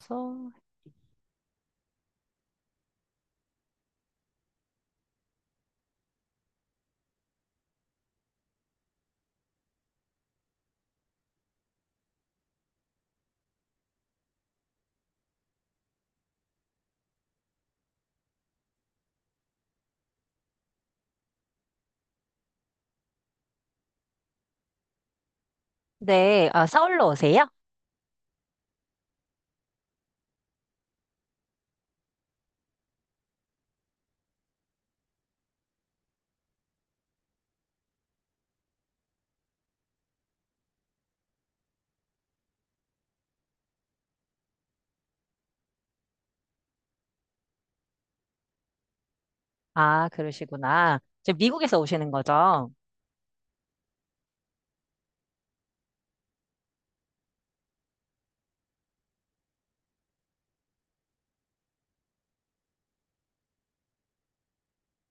서- 네, 아, 서울로 오세요? 아, 그러시구나. 지금 미국에서 오시는 거죠?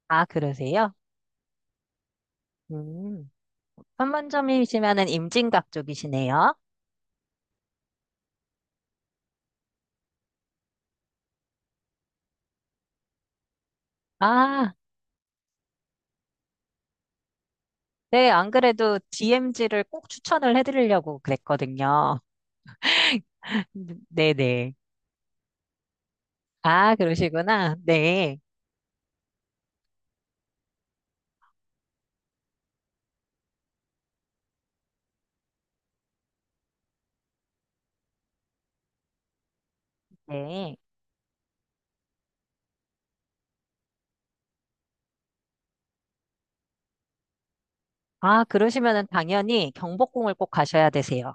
아, 그러세요? 음, 판문점이시면은 임진각 쪽이시네요. 아, 네, 안 그래도 DMZ를 꼭 추천을 해드리려고 그랬거든요. 네네. 아, 그러시구나. 네. 네. 아, 그러시면은 당연히 경복궁을 꼭 가셔야 되세요.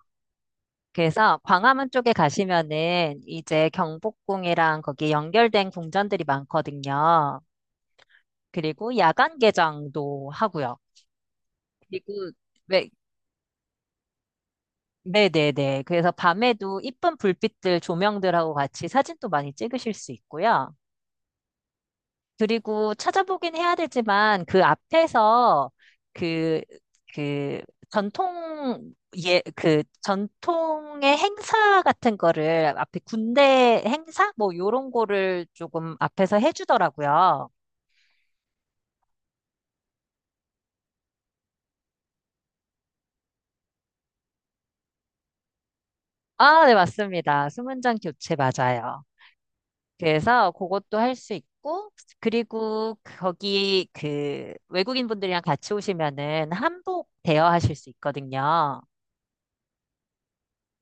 그래서 광화문 쪽에 가시면은 이제 경복궁이랑 거기 연결된 궁전들이 많거든요. 그리고 야간 개장도 하고요. 그리고 네, 네네네. 그래서 밤에도 이쁜 불빛들, 조명들하고 같이 사진도 많이 찍으실 수 있고요. 그리고 찾아보긴 해야 되지만 그 앞에서 그, 그 전통, 예, 그 전통의 행사 같은 거를 앞에 군대 행사? 뭐 요런 거를 조금 앞에서 해주더라고요. 아, 네, 맞습니다. 수문장 교체 맞아요. 그래서 그것도 할 수 있고, 그리고 거기 그 외국인 분들이랑 같이 오시면은 한복 대여하실 수 있거든요.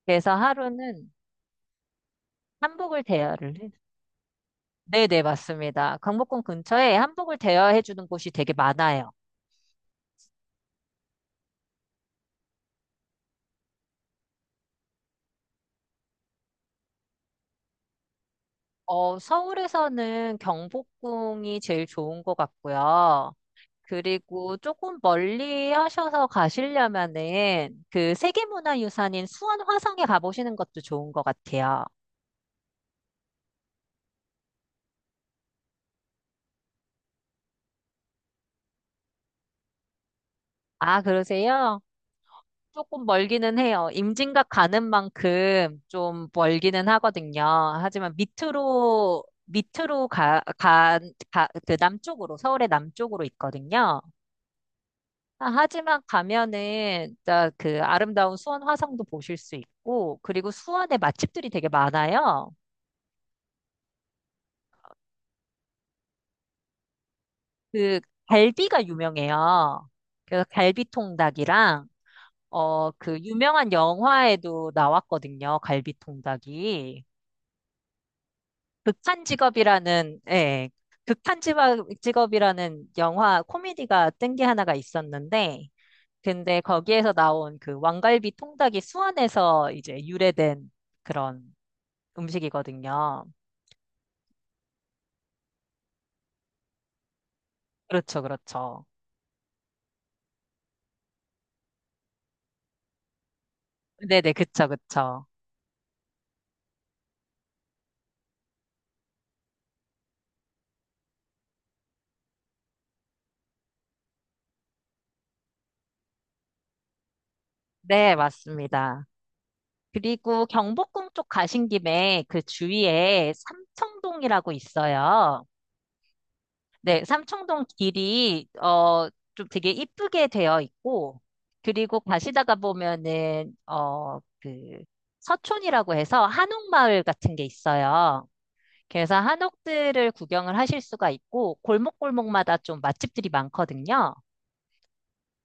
그래서 하루는 한복을 대여를 해. 네네, 맞습니다. 경복궁 근처에 한복을 대여해 주는 곳이 되게 많아요. 어, 서울에서는 경복궁이 제일 좋은 것 같고요. 그리고 조금 멀리 하셔서 가시려면은 그 세계문화유산인 수원 화성에 가보시는 것도 좋은 것 같아요. 아, 그러세요? 조금 멀기는 해요. 임진각 가는 만큼 좀 멀기는 하거든요. 하지만 밑으로 그 남쪽으로, 서울의 남쪽으로 있거든요. 아, 하지만 가면은 진짜 그 아름다운 수원 화성도 보실 수 있고, 그리고 수원에 맛집들이 되게 많아요. 그 갈비가 유명해요. 그래서 갈비통닭이랑, 어, 그 유명한 영화에도 나왔거든요. 갈비통닭이. 극한 직업이라는, 예, 직업이라는 영화 코미디가 뜬 게 하나가 있었는데, 근데 거기에서 나온 그 왕갈비 통닭이 수원에서 이제 유래된 그런 음식이거든요. 그렇죠, 그렇죠. 네네, 그쵸, 그쵸. 네, 맞습니다. 그리고 경복궁 쪽 가신 김에 그 주위에 삼청동이라고 있어요. 네, 삼청동 길이 어 좀 되게 이쁘게 되어 있고 그리고 가시다가 보면은 어 그 서촌이라고 해서 한옥마을 같은 게 있어요. 그래서 한옥들을 구경을 하실 수가 있고 골목골목마다 좀 맛집들이 많거든요.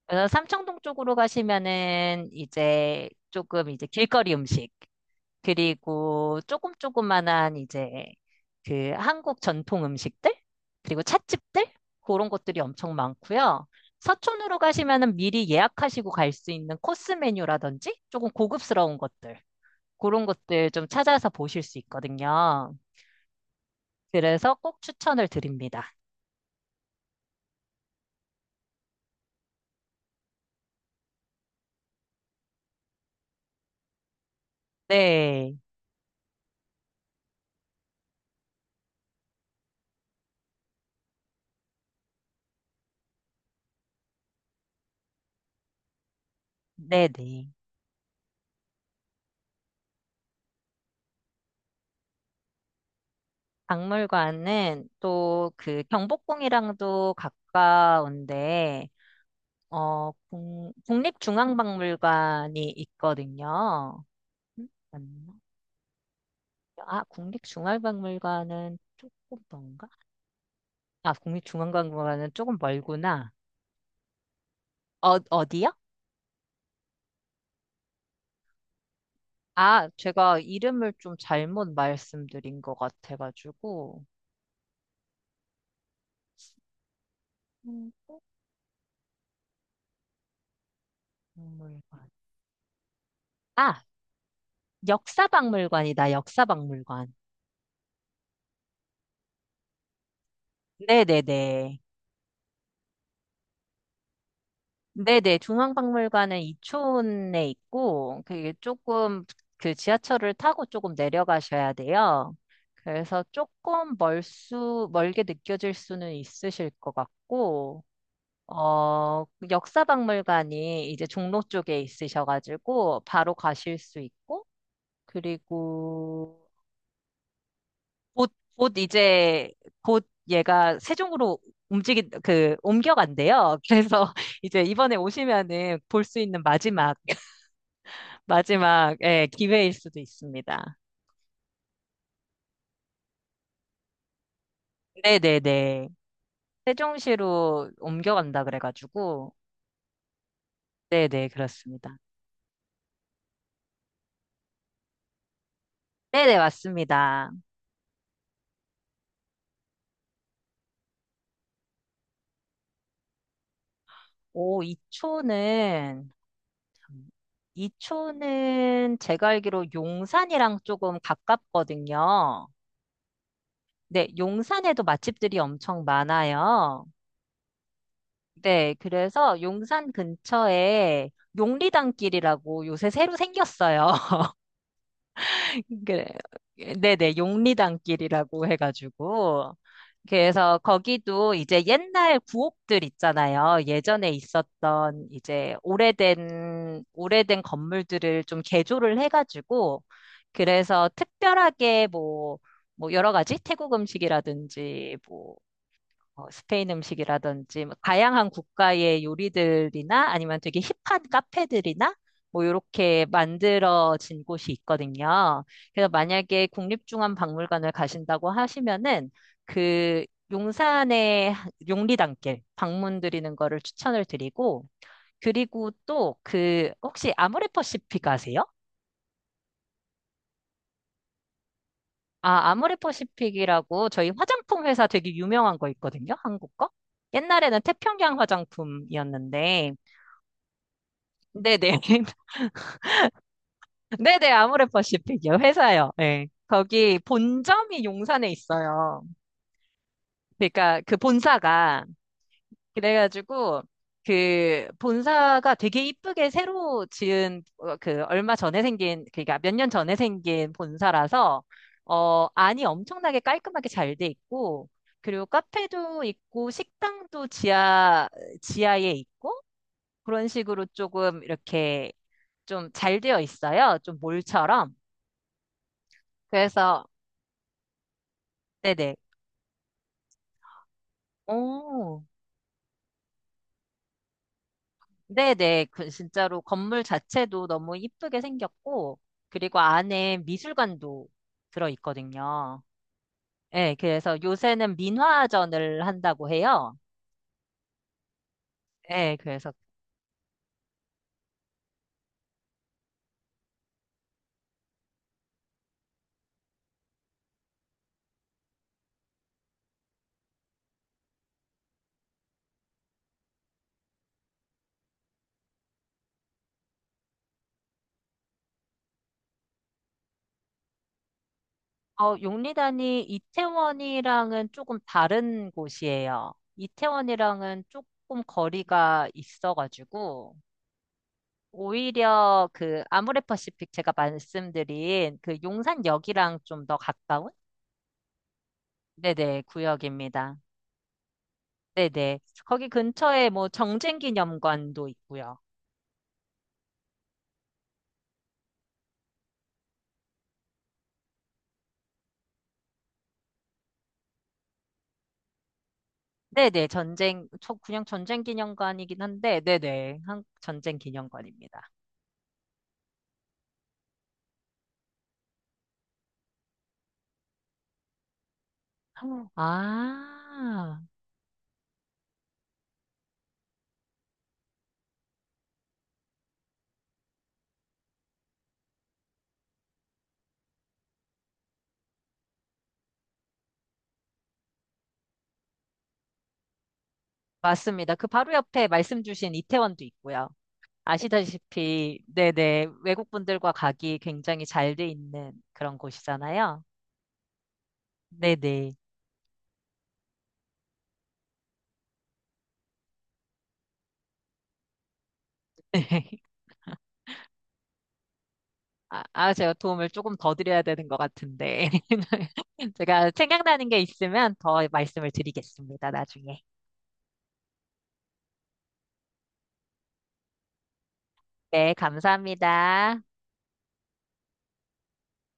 그래서 삼청동 쪽으로 가시면은 이제 조금 이제 길거리 음식 그리고 조금 조그만한 이제 그 한국 전통 음식들 그리고 찻집들 그런 것들이 엄청 많고요. 서촌으로 가시면은 미리 예약하시고 갈 수 있는 코스 메뉴라든지 조금 고급스러운 것들 그런 것들 좀 찾아서 보실 수 있거든요. 그래서 꼭 추천을 드립니다. 네, 네네. 박물관은 또 그 경복궁이랑도 가까운데 어, 국립중앙박물관이 있거든요. 맞나? 아, 국립중앙박물관은 조금 먼가? 아, 국립중앙박물관은 조금 멀구나. 어, 어디요? 아, 제가 이름을 좀 잘못 말씀드린 것 같아가지고. 음, 박물관. 아, 역사박물관이다, 역사박물관. 네네네. 네네, 중앙박물관은 이촌에 있고, 그게 조금 그 지하철을 타고 조금 내려가셔야 돼요. 그래서 조금 멀게 느껴질 수는 있으실 것 같고, 어, 역사박물관이 이제 종로 쪽에 있으셔가지고, 바로 가실 수 있고, 그리고 곧, 곧 이제, 곧 얘가 세종으로 움직 그, 옮겨간대요. 그래서 이제 이번에 오시면은 볼 수 있는 예, 기회일 수도 있습니다. 네네네. 세종시로 옮겨간다 그래가지고. 네네, 그렇습니다. 네네, 맞습니다. 오, 이초는 제가 알기로 용산이랑 조금 가깝거든요. 네, 용산에도 맛집들이 엄청 많아요. 네, 그래서 용산 근처에 용리단길이라고 요새 새로 생겼어요. 그래. 네네, 용리단길이라고 해가지고. 그래서 거기도 이제 옛날 구옥들 있잖아요. 예전에 있었던 이제 오래된 건물들을 좀 개조를 해가지고, 그래서 특별하게 뭐, 뭐 여러 가지 태국 음식이라든지 뭐 어, 스페인 음식이라든지 뭐 다양한 국가의 요리들이나 아니면 되게 힙한 카페들이나 뭐 이렇게 만들어진 곳이 있거든요. 그래서 만약에 국립중앙박물관을 가신다고 하시면은 그 용산의 용리단길 방문드리는 거를 추천을 드리고 그리고 또 그 혹시 아모레퍼시픽 아세요? 아, 아모레퍼시픽이라고 저희 화장품 회사 되게 유명한 거 있거든요. 한국 거? 옛날에는 태평양 화장품이었는데 네네. 네네, 아모레퍼시픽이요. 회사요. 예. 거기 본점이 용산에 있어요. 그러니까 그 본사가. 그래가지고 그 본사가 되게 이쁘게 새로 지은 어, 그 얼마 전에 생긴, 그러니까 몇 년 전에 생긴 본사라서 어, 안이 엄청나게 깔끔하게 잘 돼 있고 그리고 카페도 있고 식당도 지하에 있고 그런 식으로 조금 이렇게 좀 잘 되어 있어요. 좀 몰처럼. 그래서, 네네. 오, 네네. 그 진짜로 건물 자체도 너무 이쁘게 생겼고, 그리고 안에 미술관도 들어있거든요. 예, 그래서 요새는 민화전을 한다고 해요. 예, 그래서, 어, 용리단이 이태원이랑은 조금 다른 곳이에요. 이태원이랑은 조금 거리가 있어가지고, 오히려 그 아모레퍼시픽 제가 말씀드린 그 용산역이랑 좀 더 가까운 네네, 구역입니다. 네네. 거기 근처에 뭐 정쟁기념관도 있고요. 네네, 전쟁, 그냥 전쟁기념관이긴 한데, 네네, 한, 전쟁기념관입니다. 아, 맞습니다. 그 바로 옆에 말씀 주신 이태원도 있고요. 아시다시피, 네네, 외국분들과 가기 굉장히 잘 돼 있는 그런 곳이잖아요. 네네. 아, 아, 제가 도움을 조금 더 드려야 되는 것 같은데. 제가 생각나는 게 있으면 더 말씀을 드리겠습니다, 나중에. 네, 감사합니다.